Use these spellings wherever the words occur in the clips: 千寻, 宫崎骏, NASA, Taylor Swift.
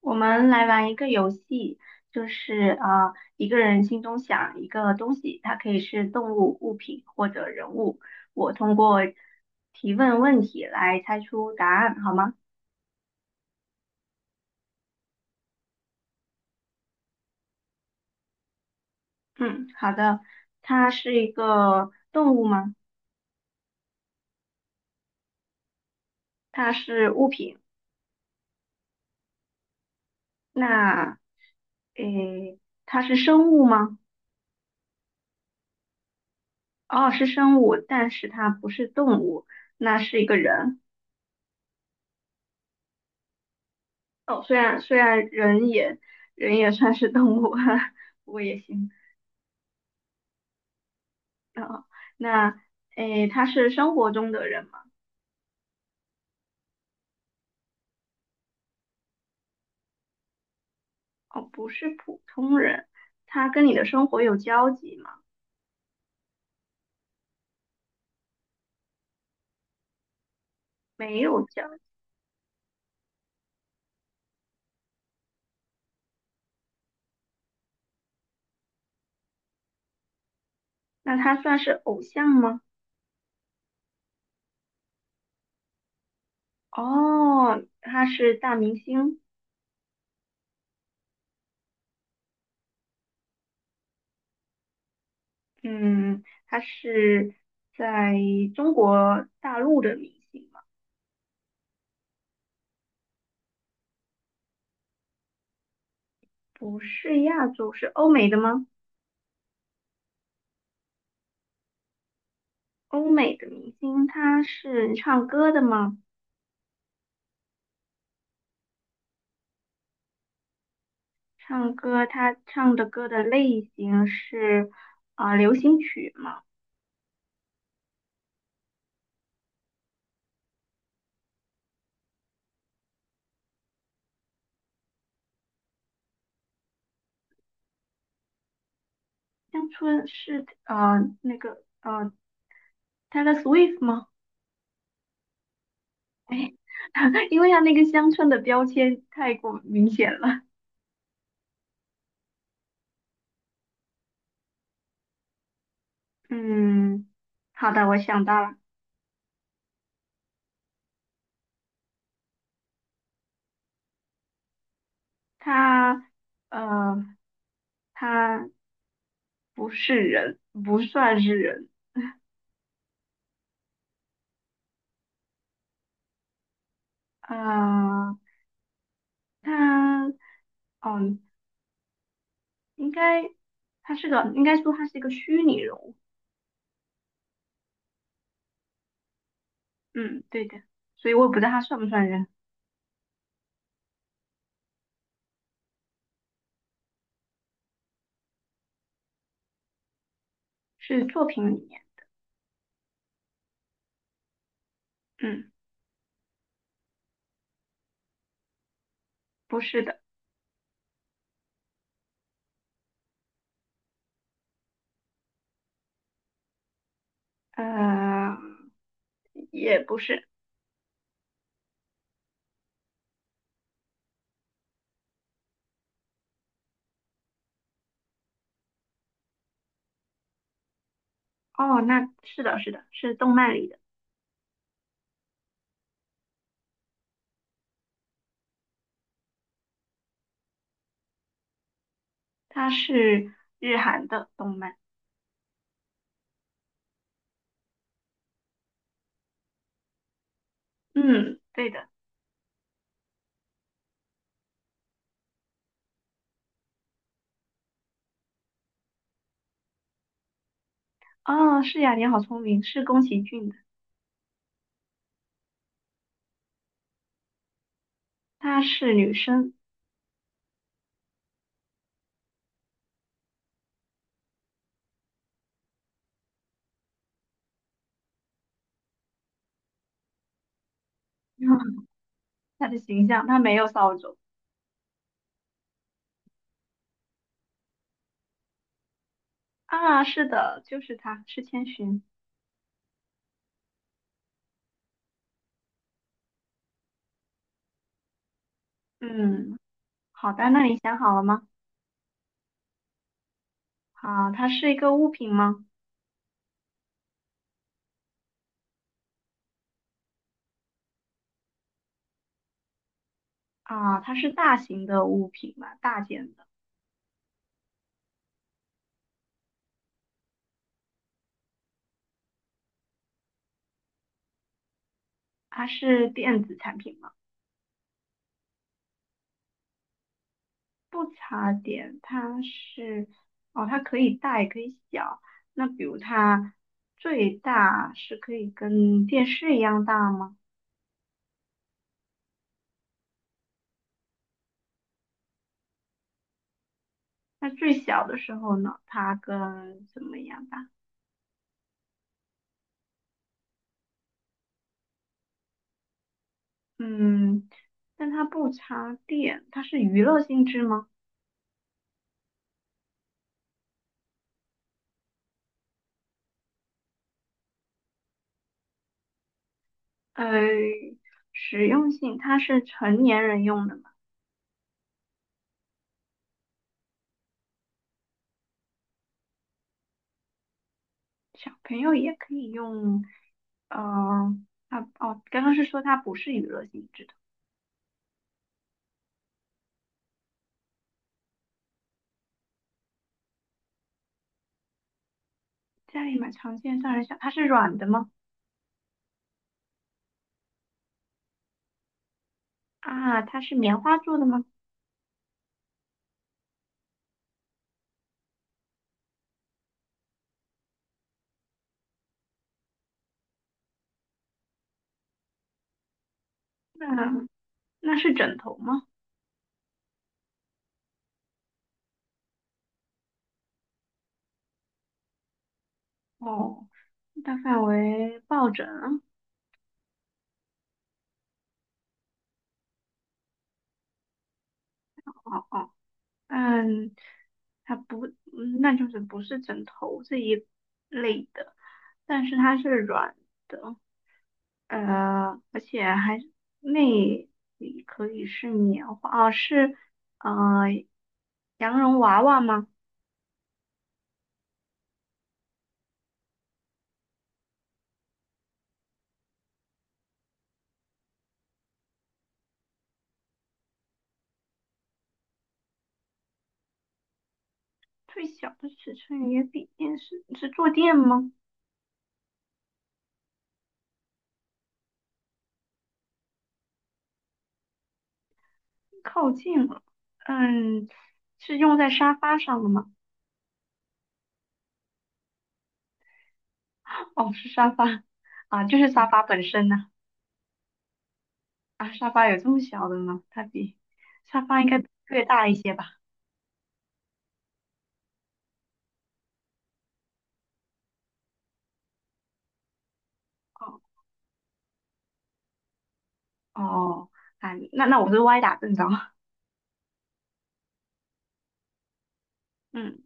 我们来玩一个游戏，就是一个人心中想一个东西，它可以是动物、物品或者人物。我通过提问问题来猜出答案，好吗？嗯，好的。它是一个动物吗？它是物品。那，诶，它是生物吗？哦，是生物，但是它不是动物，那是一个人。哦，虽然人也人也算是动物，哈，不过也行。啊，那诶，他是生活中的人吗？哦，不是普通人，他跟你的生活有交集吗？没有交集，那他算是偶像吗？哦，他是大明星。嗯，他是在中国大陆的明星吗？不是亚洲，是欧美的吗？欧美的明星，他是唱歌的吗？唱歌，他唱的歌的类型是啊，流行曲吗？乡村是Taylor Swift 吗？哎，因为他那个乡村的标签太过明显了。嗯，好的，我想到了。他呃他不是人，不算是人。呃，他嗯应该他是个应该说他是一个虚拟人物。嗯，对的，所以我也不知道他算不算人。是作品里面。嗯，不是的。呃，也不是。哦，那是的，是的，是动漫里的。它是日韩的动漫。嗯，对的。哦，是呀，你好聪明，是宫崎骏的。她是女生。她的形象，她没有扫帚啊。是的，就是她，是千寻。嗯，好的，那你想好了吗？啊，它是一个物品吗？啊，它是大型的物品吗？大件的，它是电子产品吗？不插电，它是哦，它可以大也可以小。那比如它最大是可以跟电视一样大吗？那最小的时候呢，它跟什么一样大？嗯，但它不插电，它是娱乐性质吗？呃，实用性，它是成年人用的嘛？小朋友也可以用。呃，它哦，刚刚是说它不是娱乐性质的。家里买常见，上人想它是软的吗？啊，它是棉花做的吗？那那是枕头吗？哦，大范围抱枕，哦哦，嗯，它不，嗯那就是不是枕头这一类的，但是它是软的，呃，而且还是内里可以是棉花。哦，是呃羊绒娃娃吗？最小的尺寸也比电视是坐垫吗？靠近了，嗯，是用在沙发上的吗？哦，是沙发啊，就是沙发本身呢、啊。沙发有这么小的吗？它比沙发应该略大一些吧？哦哦，啊，那那我是歪打正着。嗯，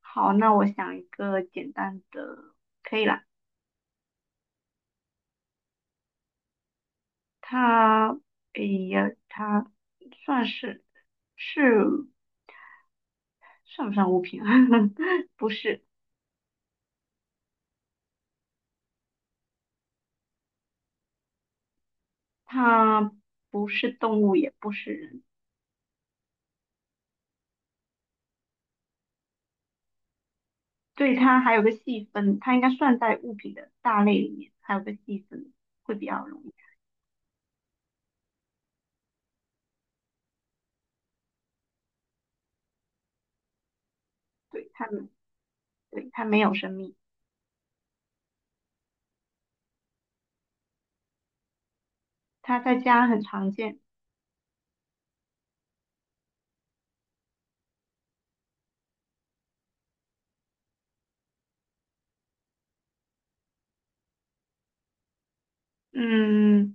好，那我想一个简单的，可以啦。它，哎呀，它算是算不算物品啊？不是，它不是动物，也不是人。对，它还有个细分，它应该算在物品的大类里面，还有个细分会比较容易。对，它们，对，它没有生命，它在家很常见。嗯，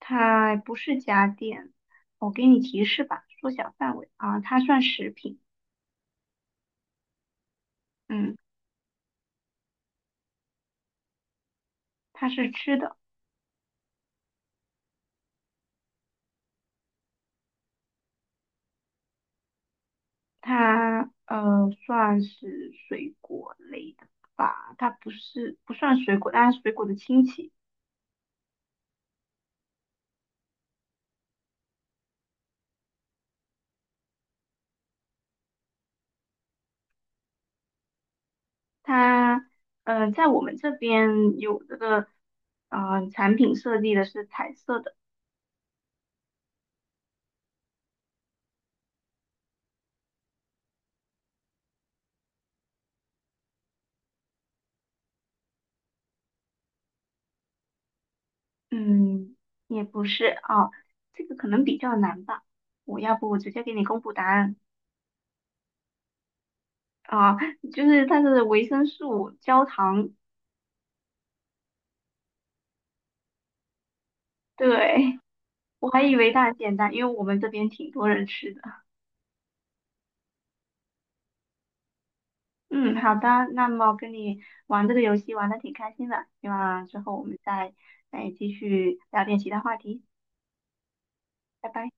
它不是家电，我给你提示吧，缩小范围啊，它算食品。嗯，它是吃的，它算是水果类的吧，它不是不算水果，但是水果的亲戚。它，嗯，在我们这边有这个，产品设计的是彩色的。嗯，也不是啊，这个可能比较难吧。我要不我直接给你公布答案。啊，就是它是维生素焦糖。对，我还以为它很简单，因为我们这边挺多人吃的。嗯，好的，那么跟你玩这个游戏玩的挺开心的，希望之后我们再继续聊点其他话题，拜拜。